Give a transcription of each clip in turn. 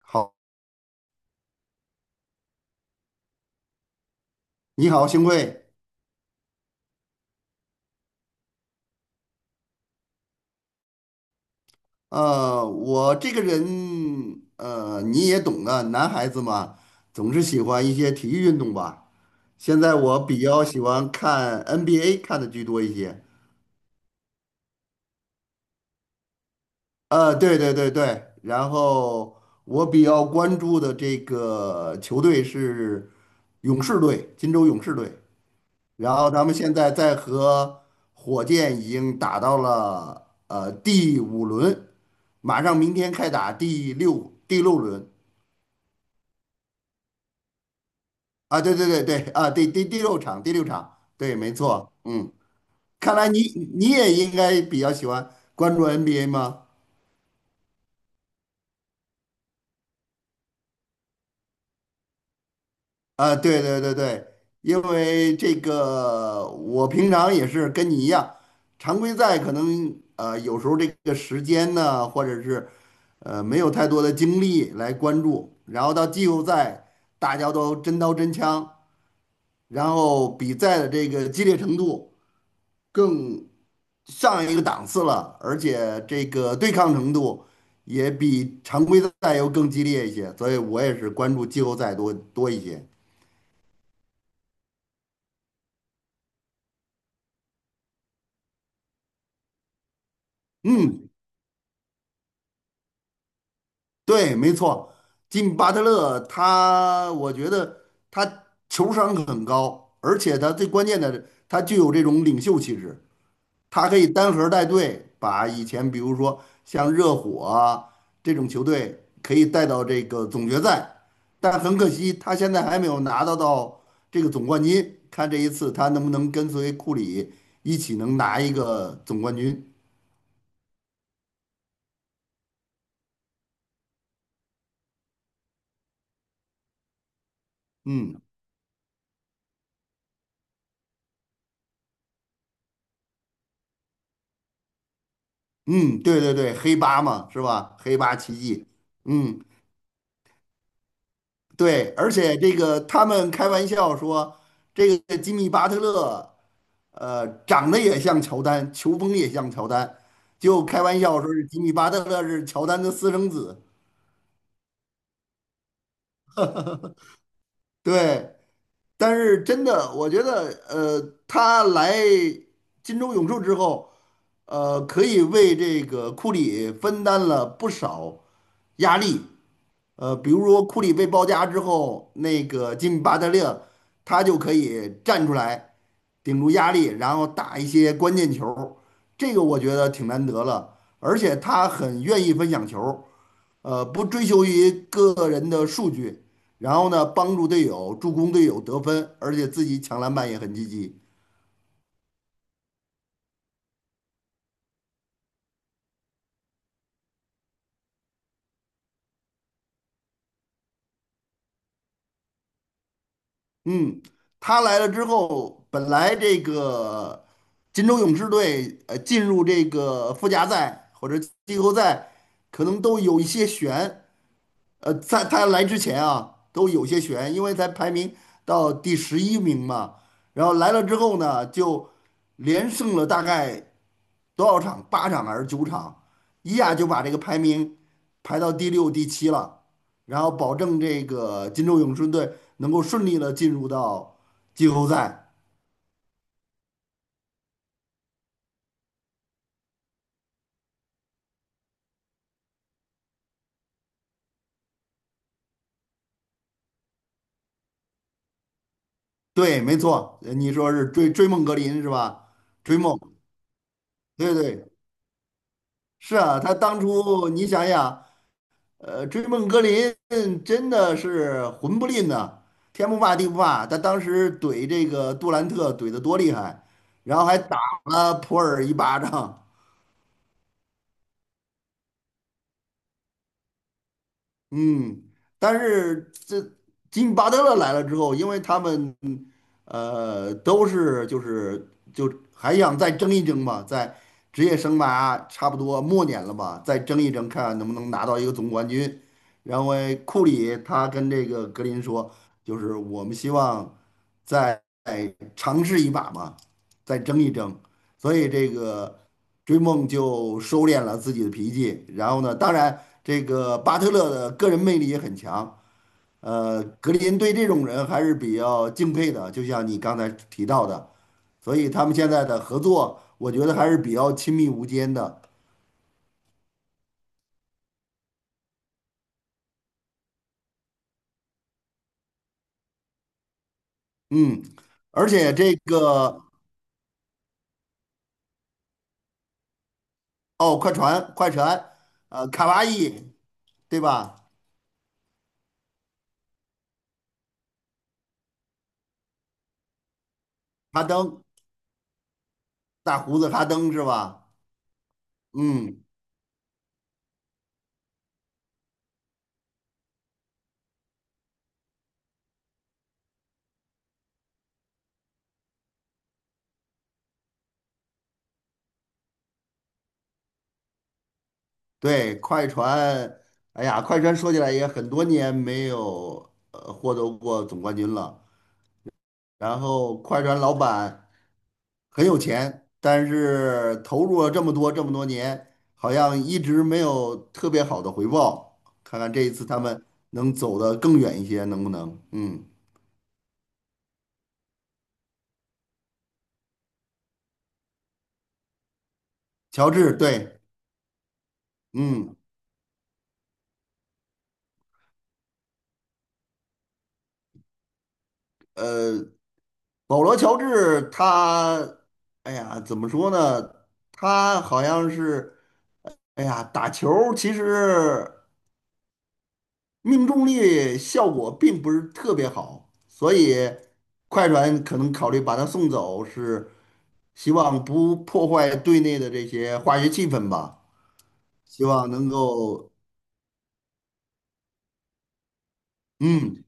好，你好，幸会。我这个人，你也懂的，男孩子嘛，总是喜欢一些体育运动吧。现在我比较喜欢看 NBA，看的居多一些。对对对对，然后我比较关注的这个球队是勇士队，金州勇士队。然后咱们现在在和火箭已经打到了第五轮，马上明天开打第六轮啊，对对对对啊，第六场第六场，对，没错，嗯，看来你也应该比较喜欢关注 NBA 吗？啊，对对对对，因为这个我平常也是跟你一样，常规赛可能有时候这个时间呢，或者是没有太多的精力来关注，然后到季后赛大家都真刀真枪，然后比赛的这个激烈程度更上一个档次了，而且这个对抗程度也比常规赛又更激烈一些，所以我也是关注季后赛多多一些。嗯。对，没错，金巴特勒他，我觉得他球商很高，而且他最关键的，他具有这种领袖气质，他可以单核带队，把以前比如说像热火啊这种球队可以带到这个总决赛，但很可惜他现在还没有拿到这个总冠军，看这一次他能不能跟随库里一起能拿一个总冠军。嗯嗯，对对对，黑八嘛，是吧？黑八奇迹。嗯。对，而且这个他们开玩笑说，这个吉米巴特勒，长得也像乔丹，球风也像乔丹，就开玩笑说是吉米巴特勒是乔丹的私生子。对，但是真的，我觉得，他来金州勇士之后，可以为这个库里分担了不少压力。比如说库里被包夹之后，那个吉米巴特勒他就可以站出来。顶住压力，然后打一些关键球，这个我觉得挺难得了。而且他很愿意分享球，不追求于个人的数据，然后呢，帮助队友助攻队友得分，而且自己抢篮板也很积极。嗯，他来了之后，本来这个金州勇士队进入这个附加赛或者季后赛，可能都有一些悬。在他来之前啊，都有些悬，因为才排名到第十一名嘛。然后来了之后呢，就连胜了大概多少场？八场还是九场？一下就把这个排名排到第六、第七了。然后保证这个金州勇顺队能够顺利的进入到季后赛。对，没错，你说是追梦格林是吧？追梦，对对，是啊，他当初你想想。追梦格林真的是魂不吝呐、天不怕地不怕。他当时怼这个杜兰特怼得多厉害，然后还打了普尔一巴掌，嗯，但是这金巴德勒来了之后，因为他们都是就还想再争一争嘛，在职业生涯差不多末年了吧，再争一争，看看能不能拿到一个总冠军。然后诶库里他跟这个格林说，就是我们希望再尝试一把嘛，再争一争。所以这个。追梦就收敛了自己的脾气，然后呢，当然这个巴特勒的个人魅力也很强，格林对这种人还是比较敬佩的，就像你刚才提到的，所以他们现在的合作，我觉得还是比较亲密无间的，嗯，而且这个哦，快船，快船，卡哇伊，对吧？哈登，大胡子哈登是吧？嗯。对，快船，哎呀，快船说起来也很多年没有获得过总冠军了。然后快船老板很有钱，但是投入了这么多这么多年，好像一直没有特别好的回报。看看这一次他们能走得更远一些，能不能？嗯，乔治，对，嗯，呃，保罗·乔治他，哎呀，怎么说呢？他好像是。哎呀，打球儿其实命中率效果并不是特别好，所以快船可能考虑把他送走，是希望不破坏队内的这些化学气氛吧，希望能够，嗯，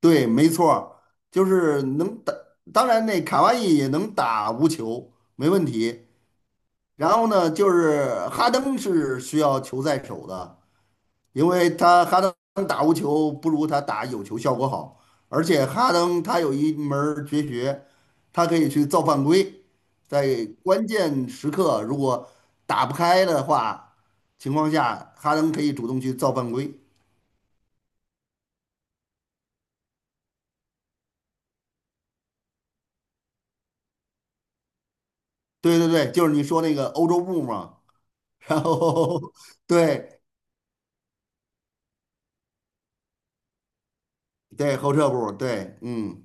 对，没错儿，就是能打，当然那卡哇伊也能打无球，没问题。然后呢，就是哈登是需要球在手的。因为哈登打无球不如他打有球效果好，而且哈登他有一门儿绝学，他可以去造犯规，在关键时刻如果打不开的话情况下，哈登可以主动去造犯规。对对对，就是你说那个欧洲步嘛，然后 对对后撤步，对，嗯。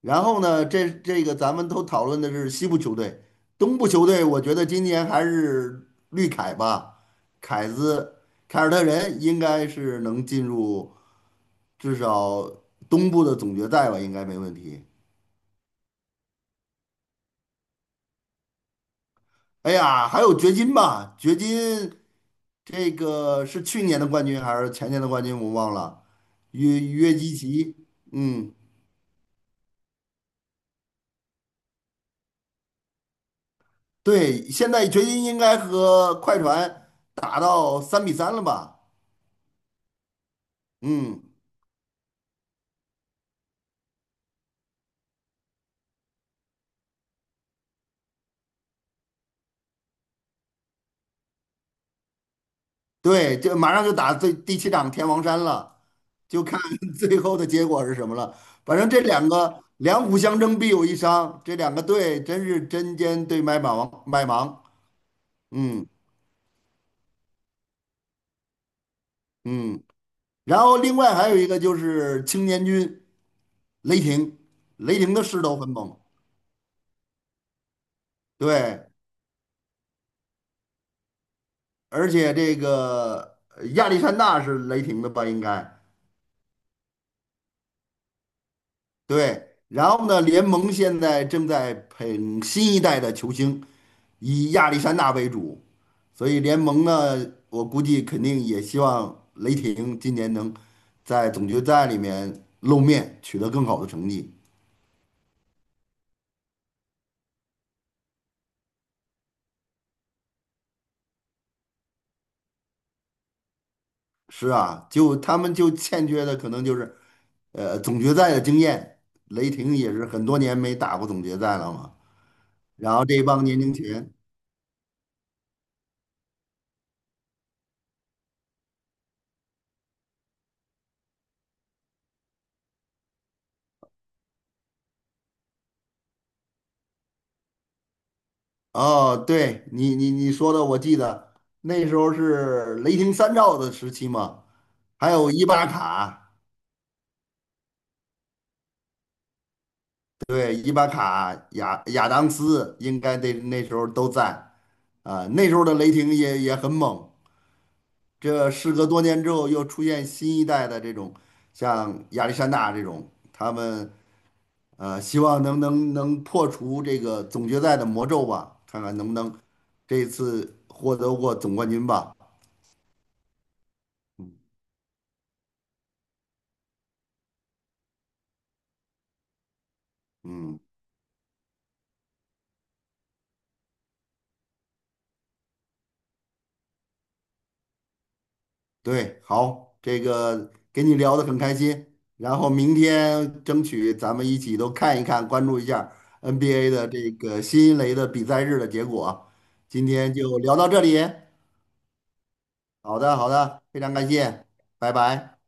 然后呢，这个咱们都讨论的是西部球队，东部球队，我觉得今年还是绿凯吧，凯子凯尔特人应该是能进入至少东部的总决赛吧，应该没问题。哎呀，还有掘金吧，掘金这个是去年的冠军还是前年的冠军，我忘了。约基奇，嗯，对，现在掘金应该和快船打到三比三了吧？嗯。对，就马上就打第七场天王山了，就看 最后的结果是什么了。反正这两个两虎相争必有一伤，这两个队真是针尖对麦芒。嗯嗯，然后另外还有一个就是青年军雷霆，雷霆的势头很猛，对，而且这个亚历山大是雷霆的吧？应该对。然后呢，联盟现在正在捧新一代的球星，以亚历山大为主。所以联盟呢，我估计肯定也希望雷霆今年能在总决赛里面露面，取得更好的成绩。是啊，就他们就欠缺的可能就是，总决赛的经验。雷霆也是很多年没打过总决赛了嘛。然后这帮年轻人，哦，对你说的，我记得那时候是雷霆三兆的时期嘛，还有伊巴卡。对，伊巴卡、亚当斯应该那时候都在，啊、那时候的雷霆也也很猛。这事隔多年之后，又出现新一代的这种，像亚历山大这种，他们希望能破除这个总决赛的魔咒吧，看看能不能这一次获得过总冠军吧。嗯。对，好，这个跟你聊得很开心，然后明天争取咱们一起都看一看，关注一下 NBA 的这个新一轮的比赛日的结果。今天就聊到这里，好的，好的，非常感谢，拜拜。